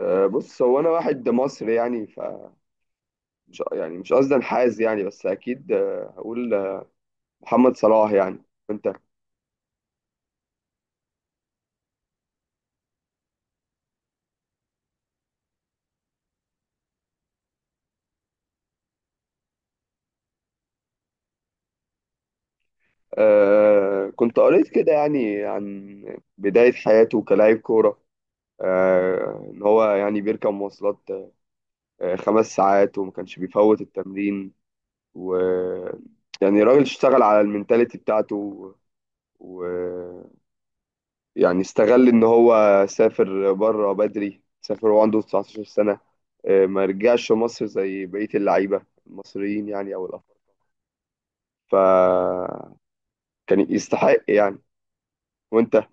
بص هو انا واحد مصري يعني فمش يعني مش قصدي انحاز يعني بس اكيد هقول محمد صلاح يعني. وانت؟ آه، كنت قريت كده يعني عن بداية حياته كلاعب كورة. آه، ان هو يعني بيركب مواصلات آه خمس ساعات وما كانش بيفوت التمرين. و يعني الراجل اشتغل على المينتاليتي بتاعته و... يعني استغل ان هو سافر بره بدري. سافر وهو عنده 19 سنة، ما رجعش مصر زي بقية اللعيبة المصريين يعني او الافارقة، فكان يستحق يعني. وانت؟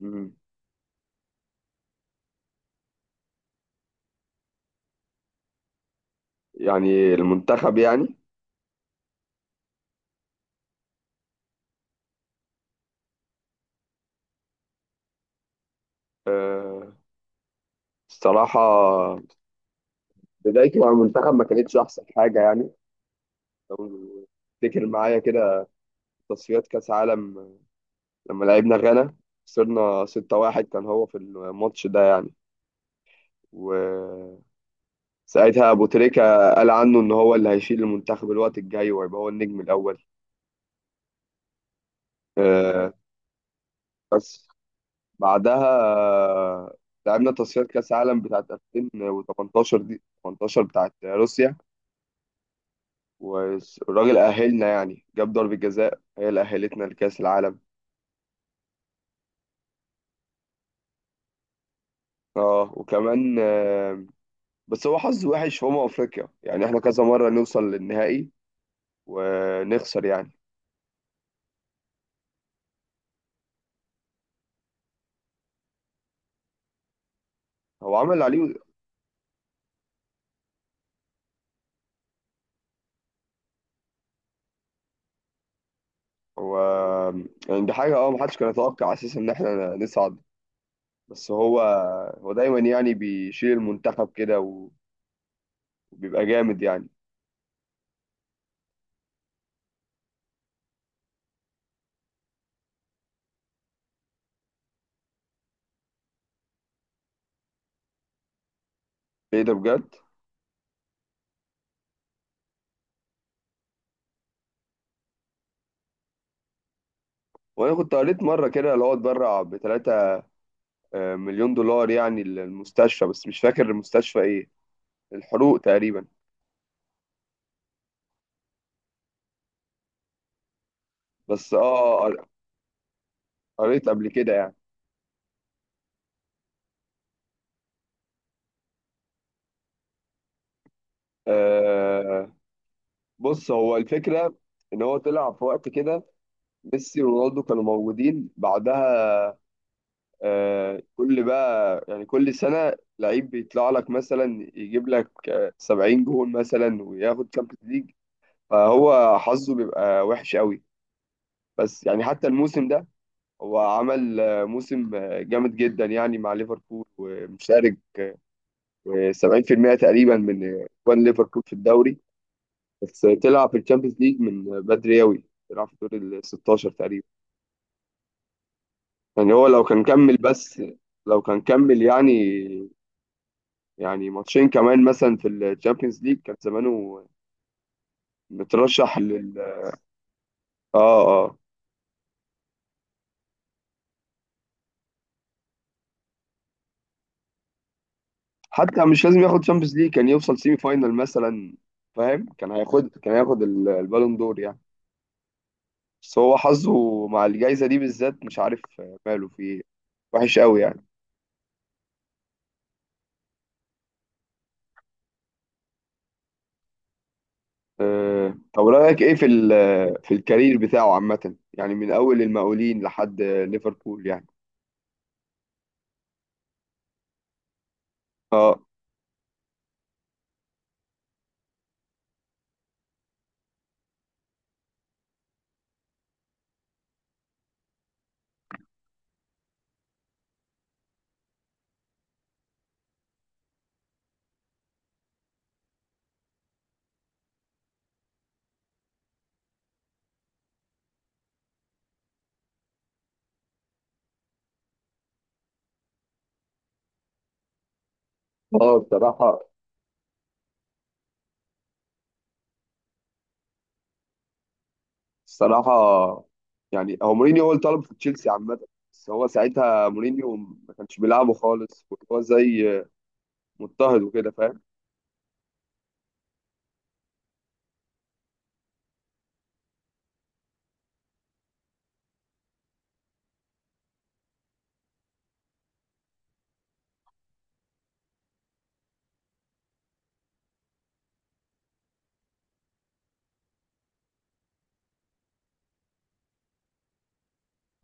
مم. يعني المنتخب يعني. آه، الصراحة، بدايته مع المنتخب ما كانتش احسن حاجة يعني. لو تفتكر معايا كده تصفيات كأس عالم لما لعبنا غانا، خسرنا 6-1. كان هو في الماتش ده يعني. و ساعتها ابو تريكة قال عنه ان هو اللي هيشيل المنتخب الوقت الجاي وهيبقى هو النجم الاول. آه، بس بعدها لعبنا تصفيات كاس عالم بتاعت 2018، دي 18 بتاعت روسيا. والراجل اهلنا يعني، جاب ضربة جزاء هي اللي اهلتنا لكاس العالم. اه وكمان آه، بس هو حظ وحش في افريقيا يعني. احنا كذا مرة نوصل للنهائي ونخسر يعني. هو عمل اللي عليه. هو يعني دي حاجة اه محدش كان يتوقع اساسا ان احنا نصعد. بس هو، هو دايما يعني بيشيل المنتخب كده وبيبقى جامد يعني. ايه ده بجد! وانا كنت قريت مره كده اللي هو اتبرع ب 3 مليون دولار يعني للمستشفى، بس مش فاكر المستشفى ايه. الحروق تقريبا. بس اه قريت قبل كده يعني. آه، بص هو الفكره ان هو طلع في وقت كده ميسي ورونالدو كانوا موجودين. بعدها آه، كل بقى يعني كل سنة لعيب بيطلع لك مثلا يجيب لك آه، 70 جون مثلا وياخد تشامبيونز ليج. فهو حظه بيبقى وحش قوي. بس يعني حتى الموسم ده هو عمل موسم جامد جدا يعني مع ليفربول، ومشارك آه، 70% تقريبا من اجوان ليفربول في الدوري. بس طلع في الشامبيونز ليج من آه، بدري قوي، طلع في دور ال 16 تقريبا. يعني هو لو كان كمل، بس لو كان كمل يعني، يعني ماتشين كمان مثلا في الشامبيونز ليج كان زمانه مترشح لل... اه اه. حتى مش لازم ياخد شامبيونز ليج، كان يوصل سيمي فاينال مثلا. فاهم، كان هياخد كان هياخد البالون دور يعني. بس هو حظه مع الجائزة دي بالذات مش عارف ماله في ايه، وحش قوي يعني. أه طب رأيك ايه في في الكارير بتاعه عامة يعني من اول المقاولين لحد ليفربول يعني. اه اه. بصراحة الصراحة، يعني هو مورينيو هو اللي طلبه في تشيلسي عامة. بس هو ساعتها مورينيو ما كانش بيلعبه خالص، كان هو زي مضطهد وكده فاهم.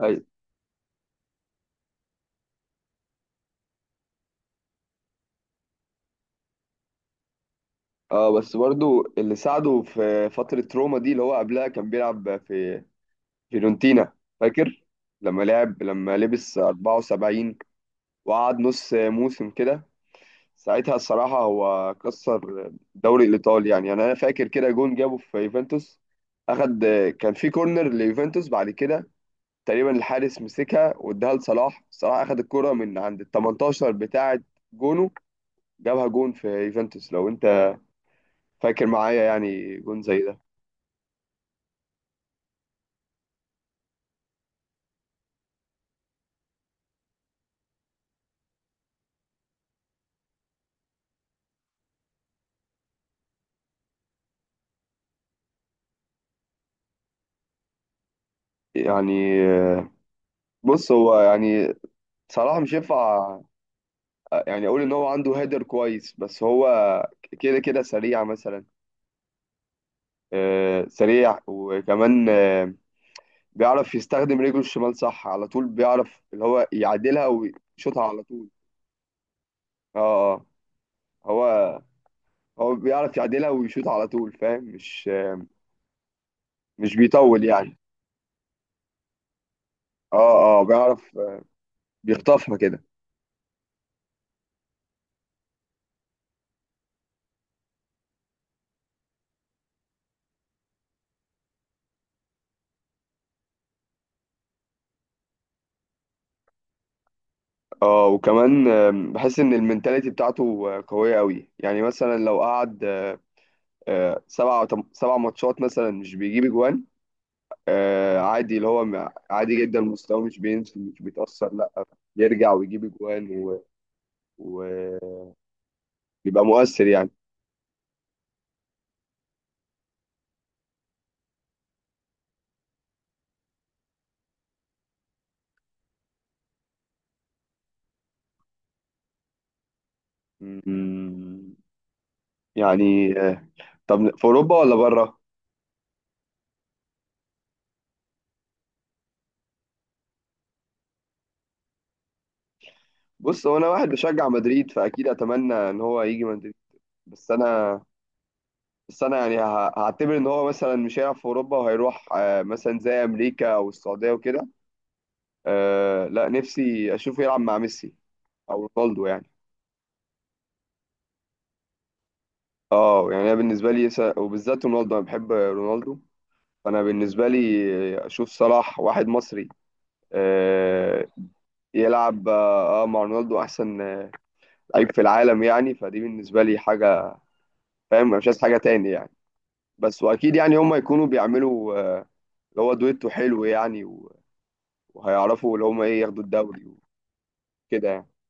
ايوه. اه بس برضو اللي ساعده في فترة روما دي اللي هو قبلها كان بيلعب في فيورنتينا. فاكر لما لعب، لما لبس 74 وقعد نص موسم كده، ساعتها الصراحة هو كسر الدوري الإيطالي يعني. يعني أنا فاكر كده جون جابه في يوفنتوس. أخد، كان في كورنر ليوفنتوس، بعد كده تقريبا الحارس مسكها واداها لصلاح، صلاح اخد الكرة من عند ال 18 بتاعة جونه، جابها جون في يوفنتوس، لو انت فاكر معايا يعني جون زي ده. يعني آه، بص هو يعني صلاح مش ينفع يعني اقول ان هو عنده هيدر كويس، بس هو كده كده سريع مثلا. آه، سريع، وكمان آه، بيعرف يستخدم رجله الشمال صح. على طول بيعرف اللي هو يعدلها ويشوطها على طول. اه اه. هو، هو بيعرف يعدلها ويشوط على طول فاهم. مش مش بيطول يعني. اه اه، بيعرف بيخطفها كده. اه وكمان آم، بحس ان المنتاليتي بتاعته آه، قوية قوي يعني. مثلا لو قعد آه، آه، سبع ماتشات مثلا مش بيجيب اجوان، آه، عادي. اللي هو عادي جدا، مستواه مش بينزل مش بيتأثر، لا، بيرجع ويجيب اجوان وبيبقى مؤثر يعني. م- يعني آه، طب في اوروبا ولا بره؟ بص هو انا واحد بشجع مدريد، فاكيد اتمنى ان هو يجي مدريد. بس انا بس انا يعني هعتبر ان هو مثلا مش هيلعب في اوروبا وهيروح آه، مثلا زي امريكا او السعوديه وكده. آه، لا نفسي اشوفه يلعب مع ميسي او رونالدو يعني. اه يعني انا بالنسبه لي وبالذات رونالدو، انا بحب رونالدو. فانا بالنسبه لي اشوف صلاح واحد مصري آه، يلعب اه آه، مع رونالدو احسن آه، لعيب في العالم يعني، فدي بالنسبه لي حاجه. فاهم أنا مش عايز حاجه تاني يعني. بس واكيد يعني هم يكونوا بيعملوا آه، اللي هو دويتو حلو يعني وهيعرفوا اللي هم ايه ياخدوا الدوري وكده يعني.